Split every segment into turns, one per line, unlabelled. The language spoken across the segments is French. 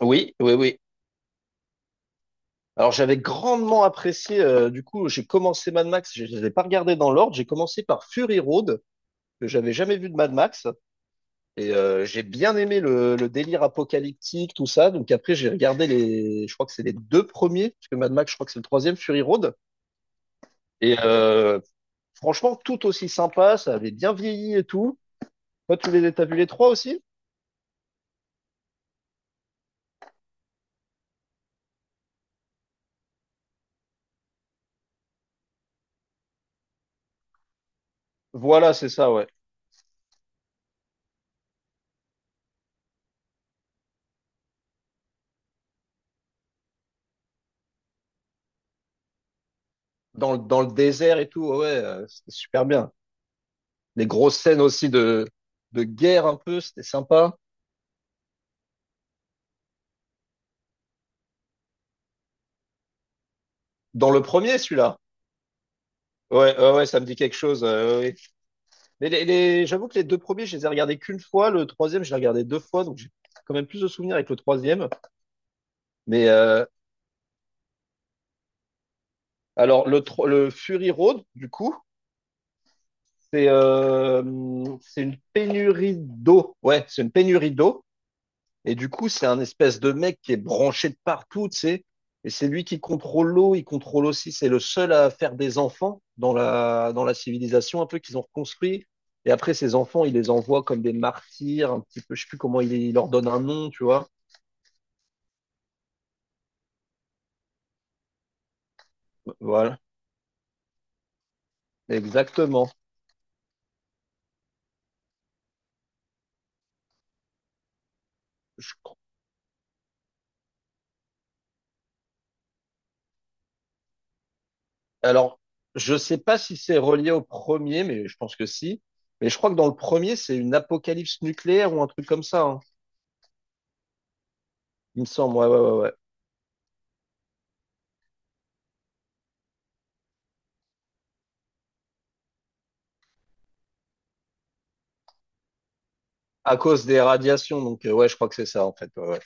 Oui, oui, oui. Alors j'avais grandement apprécié, du coup j'ai commencé Mad Max, je ne les ai pas regardés dans l'ordre, j'ai commencé par Fury Road, que j'avais jamais vu de Mad Max, j'ai bien aimé le délire apocalyptique, tout ça, donc après j'ai regardé les, je crois que c'est les deux premiers, parce que Mad Max je crois que c'est le troisième, Fury Road, et euh, franchement tout aussi sympa, ça avait bien vieilli et tout. Toi tu les t'as vu les trois aussi? Voilà, c'est ça, ouais. Dans, dans le désert et tout, ouais, c'était super bien. Les grosses scènes aussi de guerre un peu, c'était sympa. Dans le premier, celui-là. Ouais, ouais, ouais, ça me dit quelque chose. Ouais, ouais. Mais les j'avoue que les deux premiers, je les ai regardés qu'une fois. Le troisième, je l'ai regardé deux fois, donc j'ai quand même plus de souvenirs avec le troisième. Mais euh, alors, le le Fury Road, du coup, c'est euh, c'est une pénurie d'eau. Ouais, c'est une pénurie d'eau. Et du coup, c'est un espèce de mec qui est branché de partout, tu sais. Et c'est lui qui contrôle l'eau, il contrôle aussi. C'est le seul à faire des enfants dans la civilisation, un peu qu'ils ont reconstruit. Et après, ces enfants, il les envoie comme des martyrs, un petit peu, je sais plus comment il leur donne un nom, tu vois. Voilà, exactement. Je- alors, je sais pas si c'est relié au premier, mais je pense que si. Mais je crois que dans le premier, c'est une apocalypse nucléaire ou un truc comme ça, hein. Il me semble, ouais, ouais, ouais, ouais. À cause des radiations, donc ouais, je crois que c'est ça, en fait. Ouais, ouais.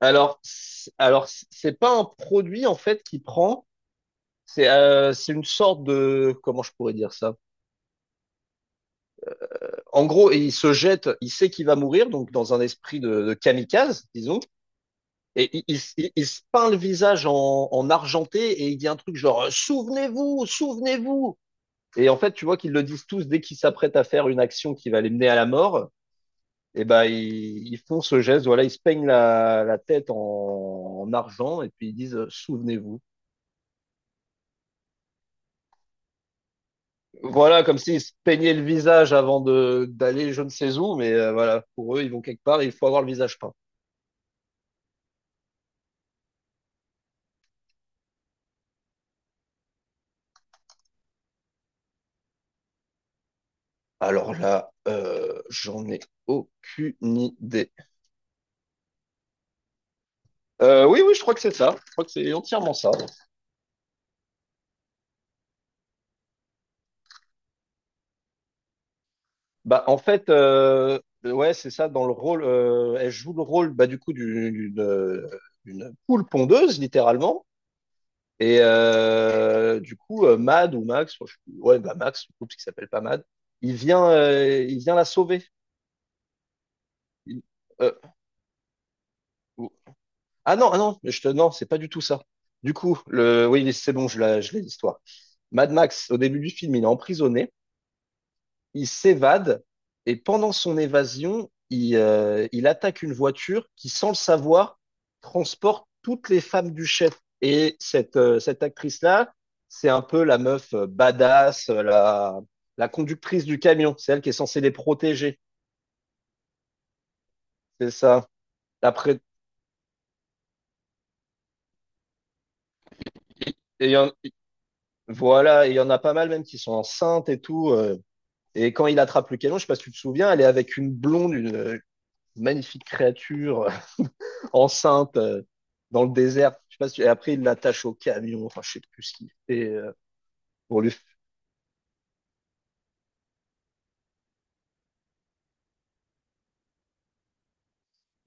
Alors, alors c'est pas un produit en fait qu'il prend, c'est une sorte de, comment je pourrais dire ça? En gros, il se jette, il sait qu'il va mourir, donc dans un esprit de kamikaze, disons, et il se peint le visage en, en argenté et il dit un truc genre souvenez-vous, souvenez-vous. Et en fait, tu vois qu'ils le disent tous dès qu'ils s'apprêtent à faire une action qui va les mener à la mort. Et ben ils font ce geste, voilà, ils se peignent la tête en, en argent et puis ils disent souvenez-vous. Voilà, comme s'ils se peignaient le visage avant de d'aller je ne sais où, mais voilà, pour eux, ils vont quelque part et il faut avoir le visage peint. Alors là, j'en ai aucune idée. Oui, oui, je crois que c'est ça. Je crois que c'est entièrement ça. Bah, en fait, ouais, c'est ça. Dans le rôle, elle joue le rôle, bah, du coup, d'une poule pondeuse, littéralement. Du coup, Mad ou Max, enfin, ouais, bah Max, du coup, parce qu'il s'appelle pas Mad, il vient la sauver. Il- euh, Ah non, ah non, non, c'est pas du tout ça. Du coup, le, oui, c'est bon, je l'ai l'histoire. Mad Max, au début du film, il est emprisonné, il s'évade, et pendant son évasion, il attaque une voiture qui, sans le savoir, transporte toutes les femmes du chef. Et cette actrice-là, c'est un peu la meuf badass, la, la conductrice du camion. C'est elle qui est censée les protéger. C'est ça. Après, et il y en- voilà, et il y en a pas mal même qui sont enceintes et tout. Et quand il attrape le canon, je ne sais pas si tu te souviens, elle est avec une blonde, une magnifique créature enceinte dans le désert. Je sais pas si Et après, il l'attache au camion. Enfin, je sais plus ce qu'il fait pour lui.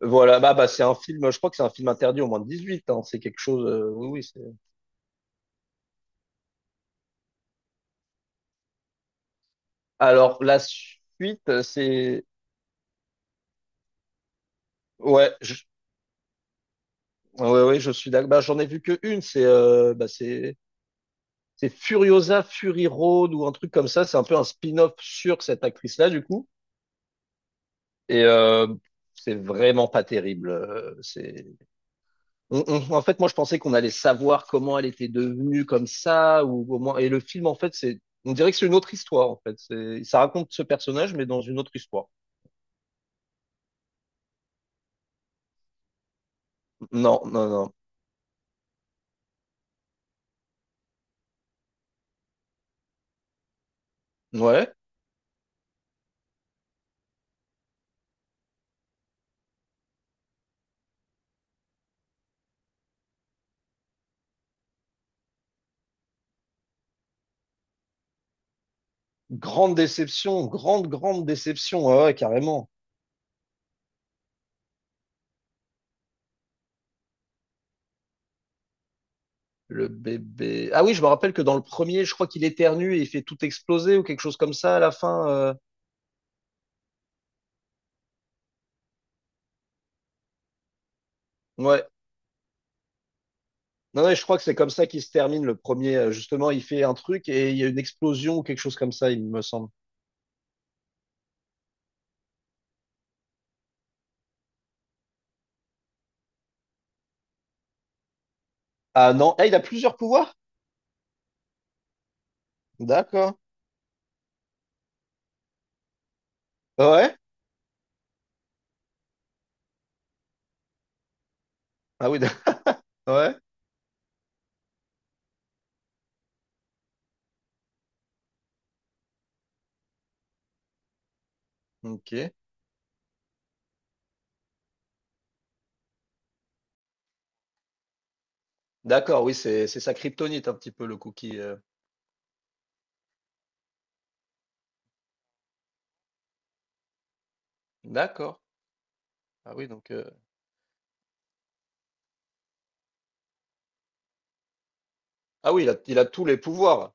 Voilà, bah, c'est un film, je crois que c'est un film interdit au moins de 18 ans. C'est quelque chose, oui, oui. Alors, la suite, c'est, ouais, je... Ouais, ouais, je suis d'accord. Bah, j'en ai vu que une, c'est Furiosa Fury Road ou un truc comme ça. C'est un peu un spin-off sur cette actrice-là, du coup. Et euh, c'est vraiment pas terrible. C'est en fait moi je pensais qu'on allait savoir comment elle était devenue comme ça ou au moins, et le film en fait c'est, on dirait que c'est une autre histoire en fait. C'est, ça raconte ce personnage mais dans une autre histoire. Non, non, non. Ouais. Grande déception, grande grande déception. Ouais, ouais, carrément. Le bébé. Ah oui, je me rappelle que dans le premier, je crois qu'il éternue et il fait tout exploser ou quelque chose comme ça à la fin. Ouais. Non, non, je crois que c'est comme ça qu'il se termine le premier. Justement, il fait un truc et il y a une explosion ou quelque chose comme ça, il me semble. Ah non, ah, il a plusieurs pouvoirs? D'accord. Ouais. Ah oui, d'ac- ouais. Ok. D'accord, oui, c'est sa kryptonite un petit peu le cookie. D'accord. Ah oui, donc ah oui, il a tous les pouvoirs.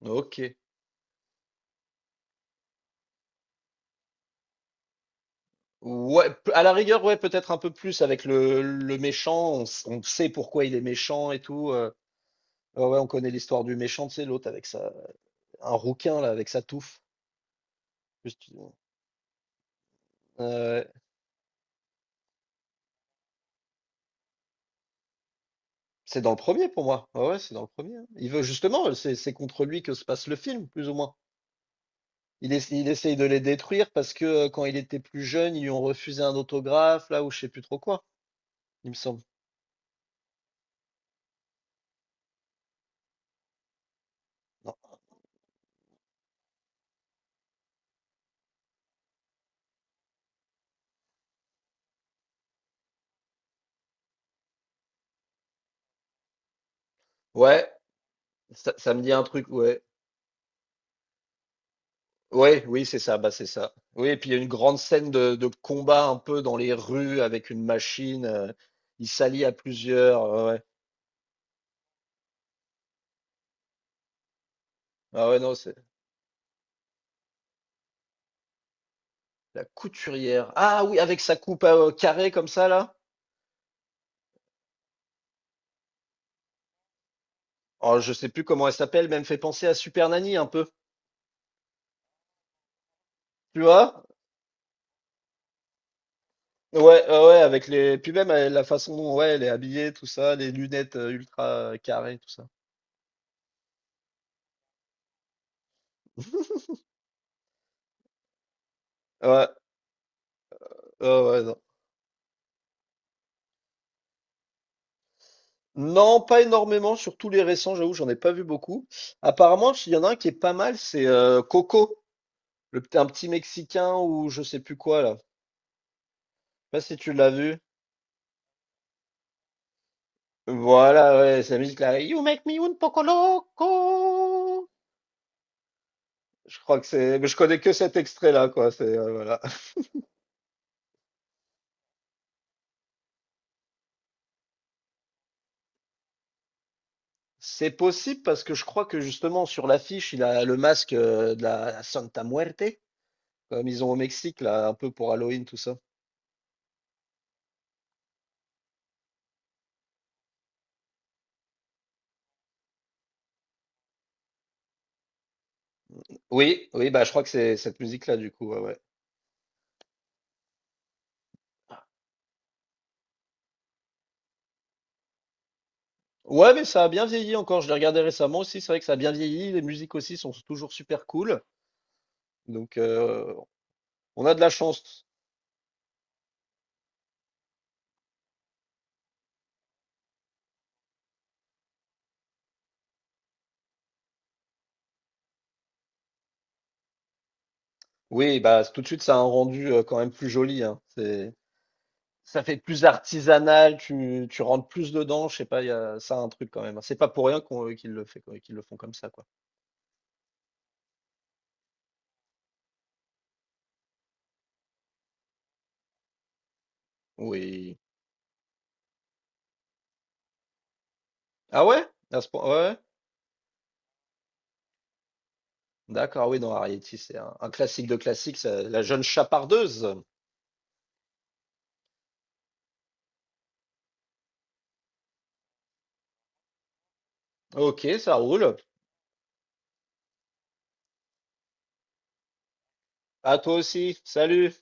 Ok. Ouais, à la rigueur, ouais, peut-être un peu plus avec le méchant. On sait pourquoi il est méchant et tout. Ouais, ouais, on connaît l'histoire du méchant, c'est l'autre avec sa, un rouquin là avec sa touffe. Juste, euh, C'est dans le premier pour moi. Ouais, ouais, c'est dans le premier. Hein. Il veut justement, c'est contre lui que se passe le film, plus ou moins. Il essaye de les détruire parce que quand il était plus jeune, ils lui ont refusé un autographe, là, ou je sais plus trop quoi, il me semble. Non. Ouais, ça me dit un truc, ouais. Ouais, oui, c'est ça, bah c'est ça. Oui, et puis il y a une grande scène de combat un peu dans les rues avec une machine. Il s'allie à plusieurs. Ouais. Ouais. Ah ouais, non, c'est la couturière. Ah oui, avec sa coupe carrée comme ça, là. Oh, je sais plus comment elle s'appelle, mais elle me fait penser à Super Nanny un peu. Tu vois? Ouais, ouais, ouais, avec les. Puis même la façon dont, ouais, elle est habillée, tout ça, les lunettes ultra carrées, tout ça. Ouais, ouais, ouais, non. Non, pas énormément, sur tous les récents, j'avoue, j'en ai pas vu beaucoup. Apparemment, il y en a un qui est pas mal, c'est Coco, un petit Mexicain ou je sais plus quoi là. Je sais pas si tu l'as vu. Voilà, ouais, c'est la musique là. You make me un poco loco. Je crois que c'est. Mais je connais que cet extrait là, quoi. C'est voilà. C'est possible parce que je crois que justement sur l'affiche, il a le masque de la Santa Muerte, comme ils ont au Mexique, là, un peu pour Halloween, tout ça. Oui, oui, bah je crois que c'est cette musique-là, du coup, ouais, ouais. Ouais, mais ça a bien vieilli encore. Je l'ai regardé récemment aussi. C'est vrai que ça a bien vieilli. Les musiques aussi sont toujours super cool. Donc, on a de la chance. Oui, bah tout de suite, ça a un rendu quand même plus joli, hein. C'est, ça fait plus artisanal. Tu rentres plus dedans. Je sais pas, il y a, ça a un truc quand même. C'est pas pour rien qu'on, qu'ils le font comme ça, quoi. Oui. Ah ouais? À ce point, ouais. Ouais. D'accord, ah oui, non, Arrietty, c'est un classique de classique, ça- la jeune chapardeuse. Ok, ça roule. À toi aussi. Salut.